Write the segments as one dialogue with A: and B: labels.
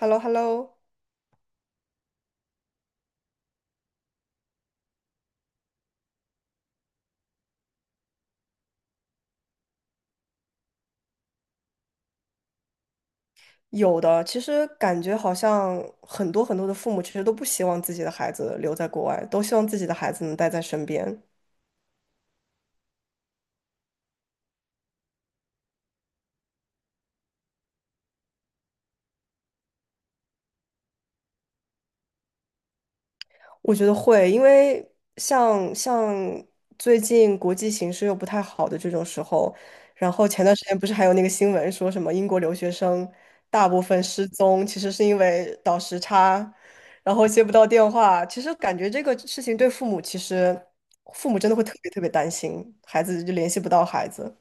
A: h e l l o h e l l o 有的，其实感觉好像很多很多的父母其实都不希望自己的孩子留在国外，都希望自己的孩子能待在身边。我觉得会，因为像最近国际形势又不太好的这种时候，然后前段时间不是还有那个新闻说什么英国留学生大部分失踪，其实是因为倒时差，然后接不到电话。其实感觉这个事情对父母其实。父母真的会特别特别担心，孩子就联系不到孩子。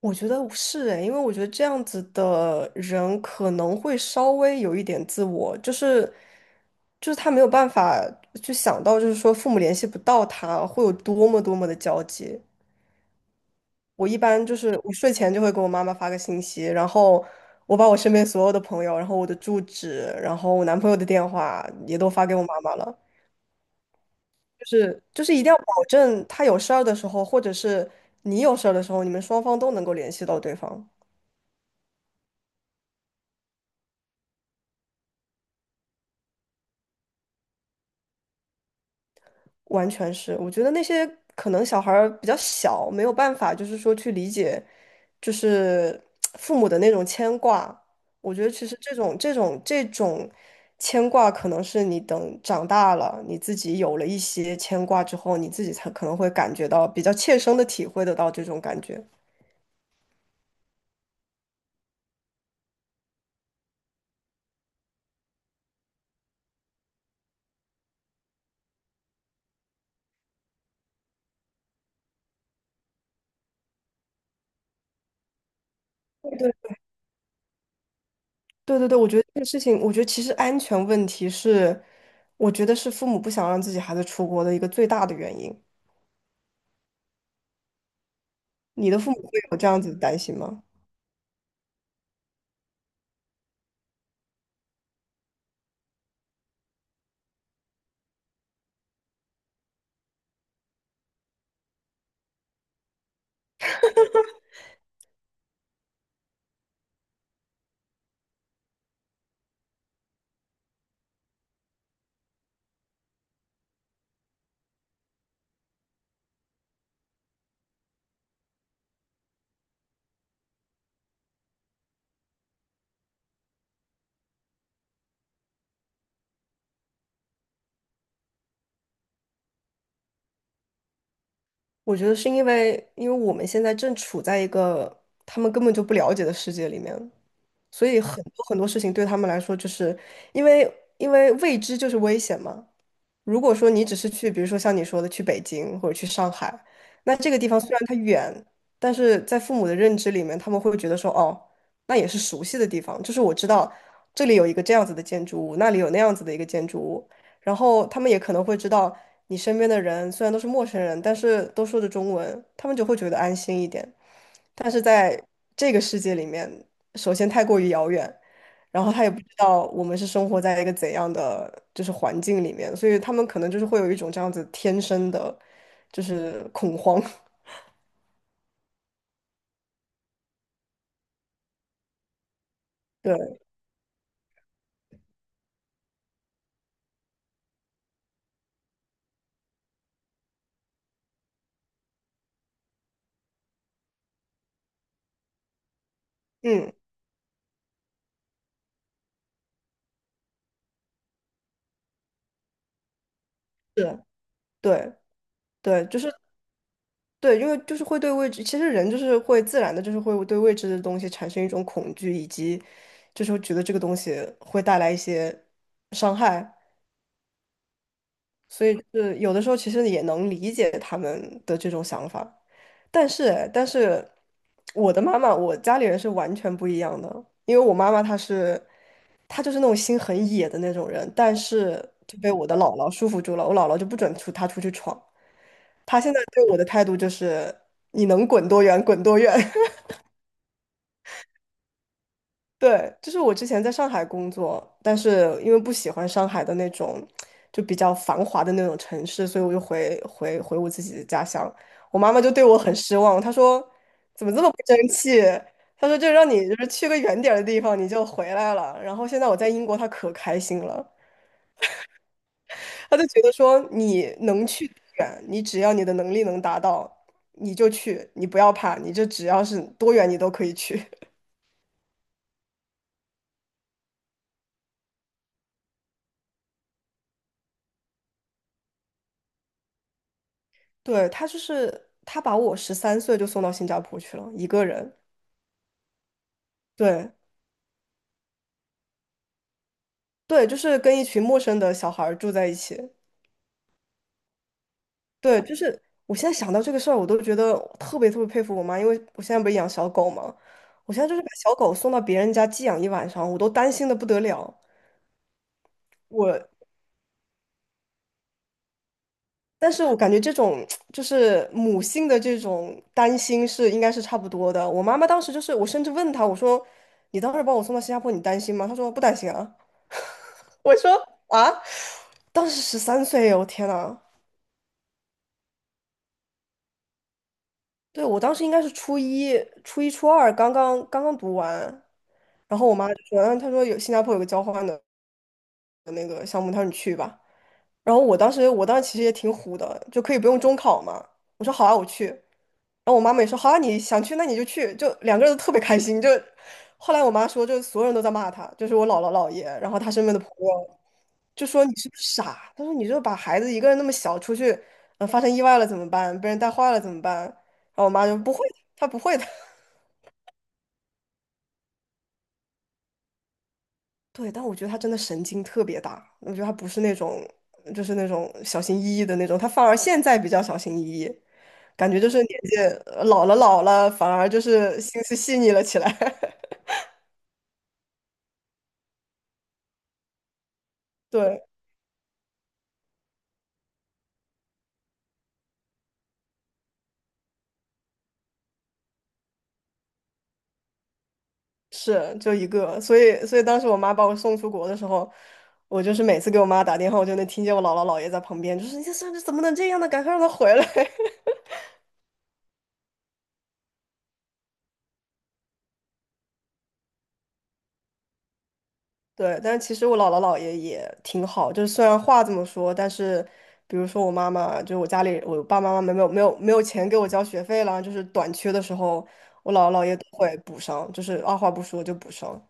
A: 我觉得是诶，因为我觉得这样子的人可能会稍微有一点自我，就是他没有办法去想到，就是说父母联系不到他会有多么多么的焦急。我一般就是我睡前就会给我妈妈发个信息，然后我把我身边所有的朋友，然后我的住址，然后我男朋友的电话也都发给我妈妈了，就是一定要保证他有事儿的时候，或者是你有事儿的时候，你们双方都能够联系到对方。完全是，我觉得那些可能小孩儿比较小，没有办法，就是说去理解，就是父母的那种牵挂。我觉得其实这种牵挂，可能是你等长大了，你自己有了一些牵挂之后，你自己才可能会感觉到比较切身的体会得到这种感觉。对对对对，我觉得这个事情，我觉得其实安全问题是，我觉得是父母不想让自己孩子出国的一个最大的原因。你的父母会有这样子的担心吗？我觉得是因为，因为我们现在正处在一个他们根本就不了解的世界里面，所以很多很多事情对他们来说，就是因为因为未知就是危险嘛。如果说你只是去，比如说像你说的去北京或者去上海，那这个地方虽然它远，但是在父母的认知里面，他们会觉得说，哦，那也是熟悉的地方，就是我知道这里有一个这样子的建筑物，那里有那样子的一个建筑物，然后他们也可能会知道你身边的人虽然都是陌生人，但是都说着中文，他们就会觉得安心一点。但是在这个世界里面，首先太过于遥远，然后他也不知道我们是生活在一个怎样的就是环境里面，所以他们可能就是会有一种这样子天生的，就是恐慌。对，嗯，对，对，对，就是对，因为就是会对未知，其实人就是会自然的，就是会对未知的东西产生一种恐惧，以及就是会觉得这个东西会带来一些伤害。所以就是有的时候其实也能理解他们的这种想法，但是我的妈妈，我家里人是完全不一样的，因为我妈妈她就是那种心很野的那种人，但是就被我的姥姥束缚住了，我姥姥就不准出她出去闯，她现在对我的态度就是你能滚多远滚多远。对，就是我之前在上海工作，但是因为不喜欢上海的那种就比较繁华的那种城市，所以我就回我自己的家乡。我妈妈就对我很失望，她说这么不争气，她说就让你就是去个远点儿的地方你就回来了。然后现在我在英国，她可开心了，她就觉得说你能去多远，你只要你的能力能达到，你就去，你不要怕，你就只要是多远你都可以去。对，他就是他把我十三岁就送到新加坡去了，一个人。对对，就是跟一群陌生的小孩儿住在一起。对，就是我现在想到这个事儿，我都觉得我特别特别佩服我妈，因为我现在不是养小狗嘛，我现在就是把小狗送到别人家寄养一晚上，我都担心的不得了。我，但是我感觉这种就是母性的这种担心是应该是差不多的。我妈妈当时就是，我甚至问她，我说：“你当时把我送到新加坡，你担心吗？”她说：“不担心啊。”我说啊，当时十三岁，我天呐。对，我当时应该是初一、初一、初二，刚刚读完，然后我妈就说，嗯，她说有新加坡有个交换的那个项目，她说你去吧。然后我当时，我当时其实也挺虎的，就可以不用中考嘛。我说好啊，我去。然后我妈妈也说好啊，你想去那你就去，就两个人都特别开心。就后来我妈说，就所有人都在骂她，就是我姥姥姥爷，然后她身边的朋友。就说你是不是傻？他说你就把孩子一个人那么小出去，嗯、发生意外了怎么办？被人带坏了怎么办？然后我妈就不会的，她不会的。对，但我觉得她真的神经特别大，我觉得她不是那种就是那种小心翼翼的那种，她反而现在比较小心翼翼，感觉就是年纪老了老了，反而就是心思细腻了起来。对，是就一个，所以所以当时我妈把我送出国的时候，我就是每次给我妈打电话，我就能听见我姥姥姥爷在旁边，就是你这孙子怎么能这样呢？赶快让他回来。对，但是其实我姥姥姥爷也挺好，就是虽然话这么说，但是比如说我妈妈，就是我家里我爸爸妈妈没有钱给我交学费了，就是短缺的时候，我姥姥姥爷都会补上，就是二话不说就补上。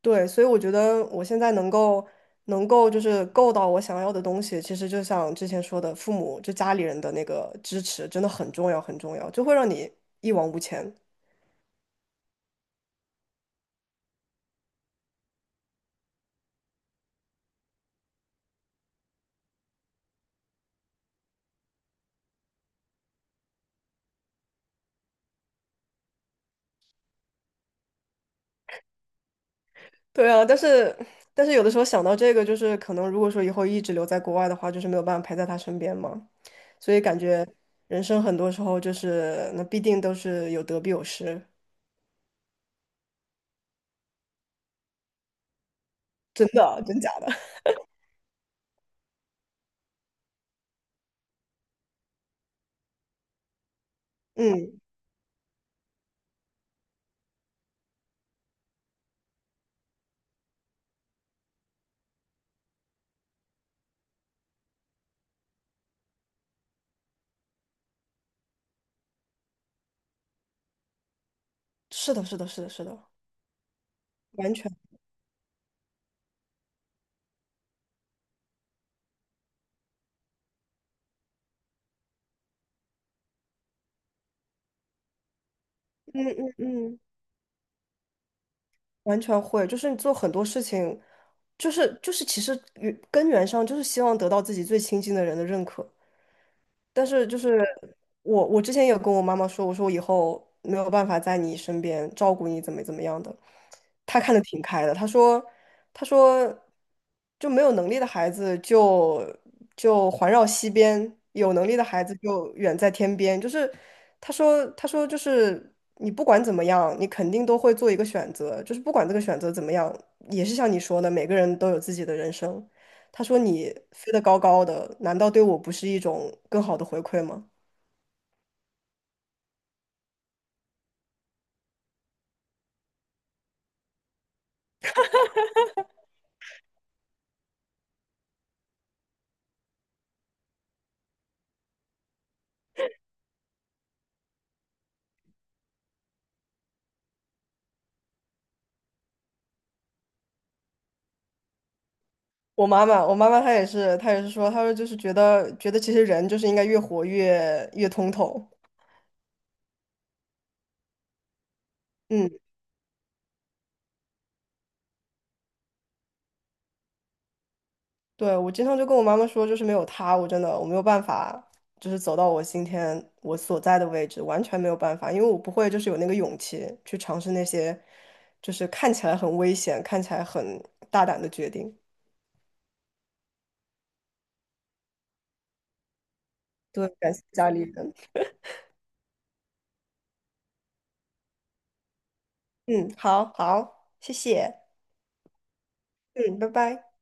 A: 对，所以我觉得我现在能够就是够到我想要的东西，其实就像之前说的，父母就家里人的那个支持真的很重要，很重要，就会让你一往无前。对啊，但是有的时候想到这个，就是可能如果说以后一直留在国外的话，就是没有办法陪在他身边嘛，所以感觉人生很多时候就是那必定都是有得必有失。真的，真假的。嗯，是的，是的，是的，是的，完全。嗯嗯嗯。完全会，就是你做很多事情，就是其实根源上就是希望得到自己最亲近的人的认可。但是就是我之前有跟我妈妈说，我说我以后没有办法在你身边照顾你，怎么样的。她看的挺开的，她说，她说就没有能力的孩子就环绕西边，有能力的孩子就远在天边。就是她说，她说就是你不管怎么样，你肯定都会做一个选择，就是不管这个选择怎么样，也是像你说的，每个人都有自己的人生。他说你飞得高高的，难道对我不是一种更好的回馈吗？我妈妈，我妈妈她也是，她也是说，她说就是觉得其实人就是应该越活越通透。嗯，对，我经常就跟我妈妈说，就是没有她，我真的我没有办法，就是走到我今天我所在的位置，完全没有办法，因为我不会就是有那个勇气去尝试那些就是看起来很危险、看起来很大胆的决定。对，感谢家里人。嗯，好好，谢谢。嗯，拜拜。